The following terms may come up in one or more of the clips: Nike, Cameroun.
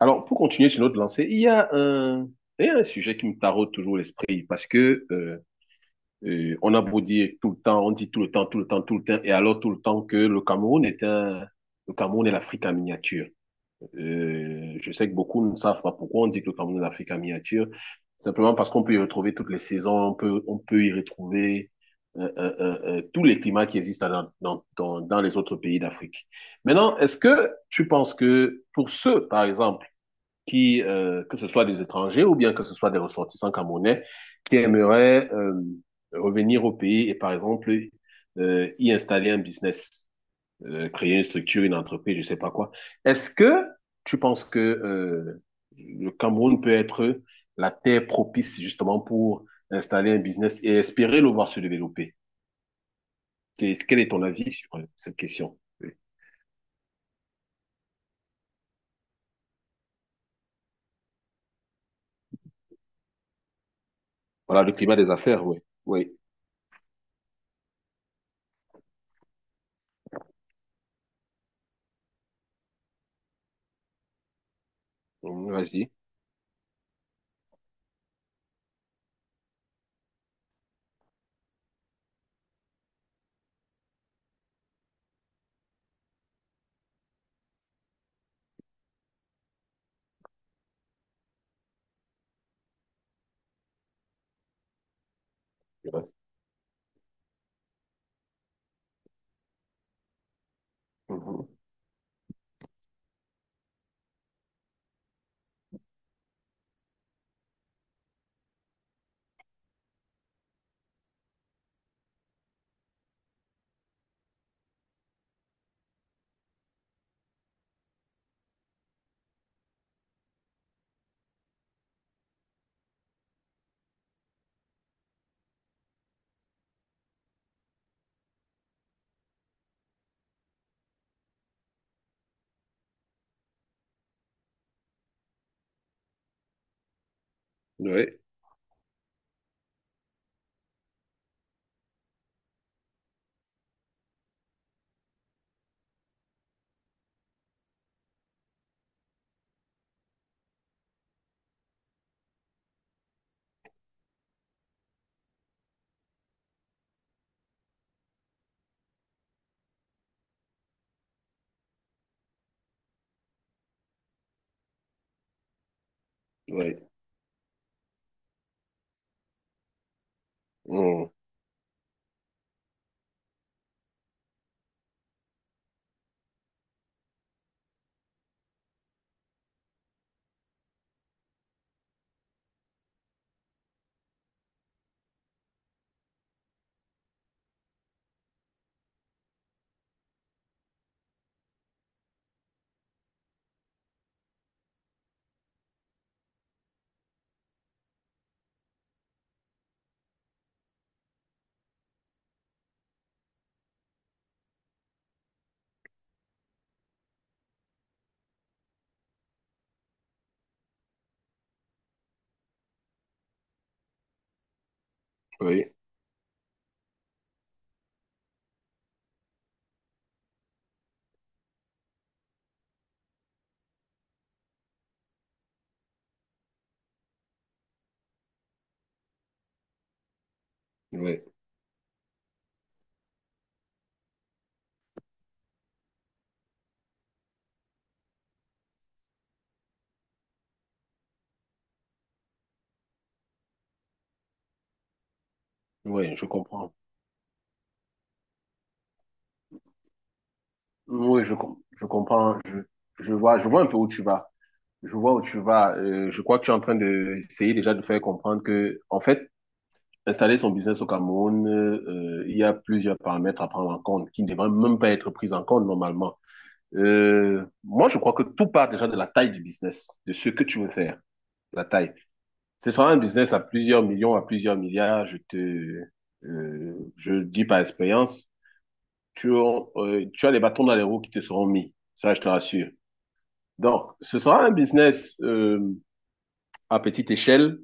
Alors, pour continuer sur notre lancée, il y a un sujet qui me taraude toujours l'esprit parce que on a beau dire tout le temps, on dit tout le temps, tout le temps, tout le temps, et alors tout le temps que le Cameroun est l'Afrique en miniature. Je sais que beaucoup ne savent pas pourquoi on dit que le Cameroun est l'Afrique en miniature, simplement parce qu'on peut y retrouver toutes les saisons, on peut y retrouver tous les climats qui existent dans les autres pays d'Afrique. Maintenant, est-ce que tu penses que pour ceux, par exemple, que ce soit des étrangers ou bien que ce soit des ressortissants camerounais, qui aimeraient revenir au pays et, par exemple, y installer un business, créer une structure, une entreprise, je sais pas quoi. Est-ce que tu penses que le Cameroun peut être la terre propice justement pour installer un business et espérer le voir se développer? Quel est ton avis sur cette question? Oui. Voilà, le climat des affaires, oui. Oui. Mmh, vas-y. Oui. Mhm. oui. Oui. Mhm. Oui, oui, oui, je comprends. Oui, je comprends. Je vois un peu où tu vas. Je vois où tu vas. Je crois que tu es en train de essayer déjà de faire comprendre que, en fait, installer son business au Cameroun, il y a plusieurs paramètres à prendre en compte qui ne devraient même pas être pris en compte normalement. Moi, je crois que tout part déjà de la taille du business, de ce que tu veux faire, la taille. Ce sera un business à plusieurs millions, à plusieurs milliards. Je dis par expérience. Tu as les bâtons dans les roues qui te seront mis. Ça, je te rassure. Donc, ce sera un business à petite échelle.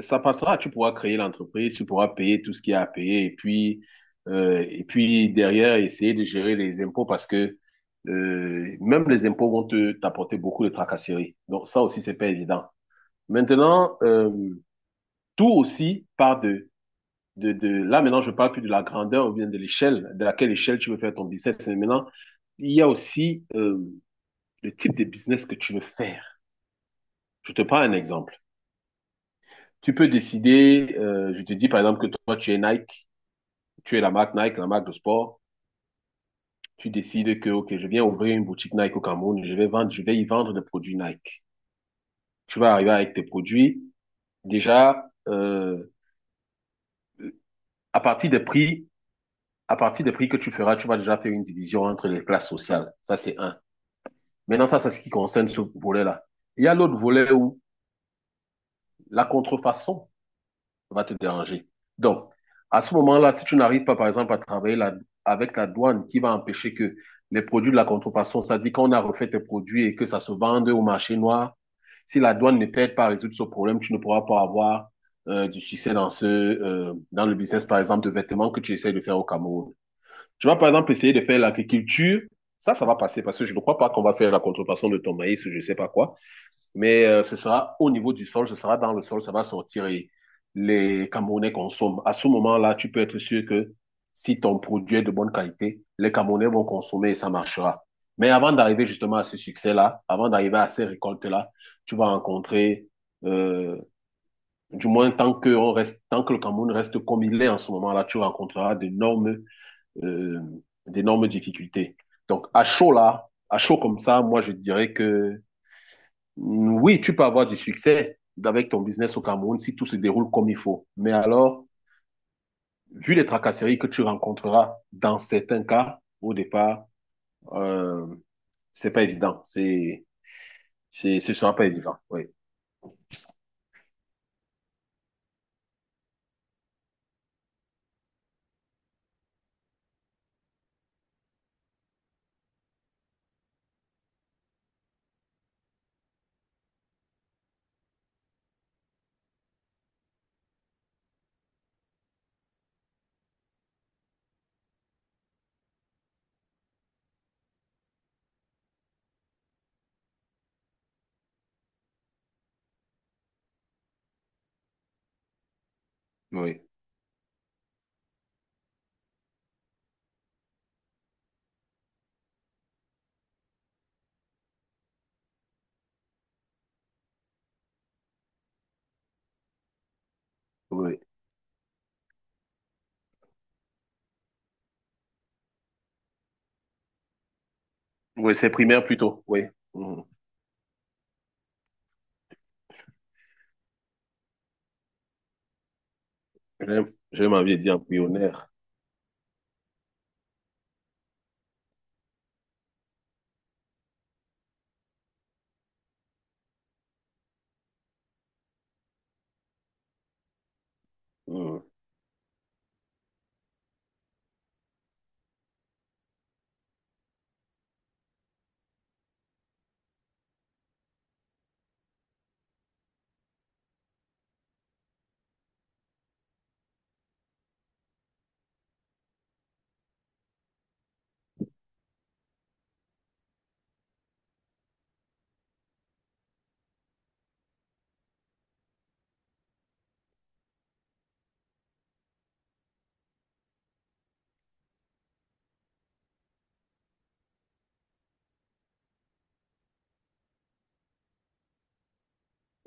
Ça passera, tu pourras créer l'entreprise, tu pourras payer tout ce qu'il y a à payer et puis derrière, essayer de gérer les impôts parce que même les impôts vont te t'apporter beaucoup de tracasseries. Donc, ça aussi, c'est pas évident. Maintenant, tout aussi part là, maintenant, je ne parle plus de la grandeur ou bien de l'échelle, de laquelle échelle tu veux faire ton business. Mais maintenant, il y a aussi le type de business que tu veux faire. Je te prends un exemple. Tu peux décider, je te dis par exemple que toi, tu es Nike, tu es la marque Nike, la marque de sport. Tu décides que, OK, je viens ouvrir une boutique Nike au Cameroun, vendre, je vais y vendre des produits Nike. Tu vas arriver avec tes produits. Déjà, à partir des prix, à partir des prix que tu feras, tu vas déjà faire une division entre les classes sociales. Ça, c'est un. Maintenant, ça, c'est ce qui concerne ce volet-là. Il y a l'autre volet où la contrefaçon va te déranger. Donc, à ce moment-là, si tu n'arrives pas, par exemple, avec la douane qui va empêcher que les produits de la contrefaçon, ça dit qu'on a refait tes produits et que ça se vende au marché noir, si la douane ne t'aide pas à résoudre ce problème, tu ne pourras pas avoir du succès dans le business, par exemple, de vêtements que tu essayes de faire au Cameroun. Tu vas, par exemple, essayer de faire l'agriculture. Ça va passer parce que je ne crois pas qu'on va faire la contrefaçon de ton maïs ou je ne sais pas quoi. Mais ce sera au niveau du sol, ce sera dans le sol, ça va sortir et les Camerounais consomment. À ce moment-là, tu peux être sûr que si ton produit est de bonne qualité, les Camerounais vont consommer et ça marchera. Mais avant d'arriver justement à ce succès-là, avant d'arriver à ces récoltes-là, tu vas rencontrer, euh, du moins tant que le Cameroun reste comme il est en ce moment-là, tu rencontreras euh, d'énormes difficultés. Donc à chaud là, à chaud comme ça, moi je dirais que oui, tu peux avoir du succès avec ton business au Cameroun si tout se déroule comme il faut. Mais alors, vu les tracasseries que tu rencontreras dans certains cas, au départ, euh, c'est pas évident. Ce sera pas évident. Oui, oui, oui. Oui, c'est primaire plutôt. Oui. Mhm. J'ai j'ai même envie de dire embryonnaire. Mhm.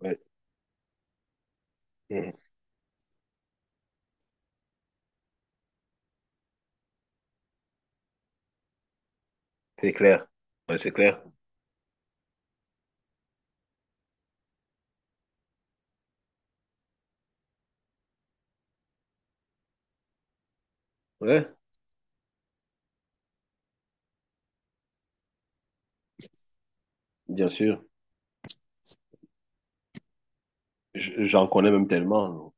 Ouais. Mhm. C'est clair. Ouais, c'est clair. Ouais, bien sûr. J'en connais même tellement.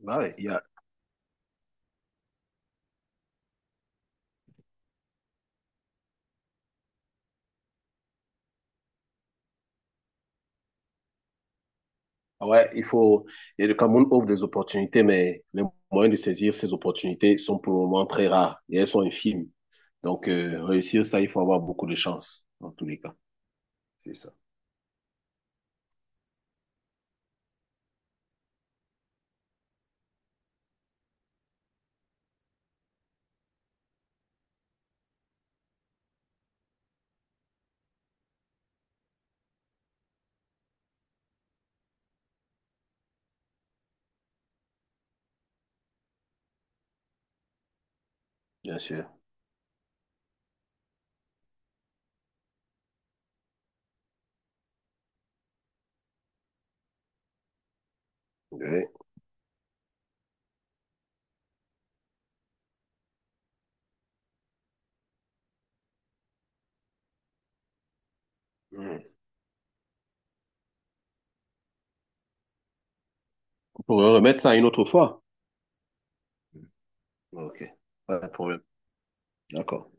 Bah ouais, ouais, il faut. Et le Cameroun ouvre des opportunités, mais les moyens de saisir ces opportunités sont pour le moment très rares et elles sont infimes. Donc, réussir ça, il faut avoir beaucoup de chance, dans tous les cas. C'est ça. Bien sûr. Ouais. Mm. On pourrait remettre ça une autre fois. Ok, pas de problème. D'accord.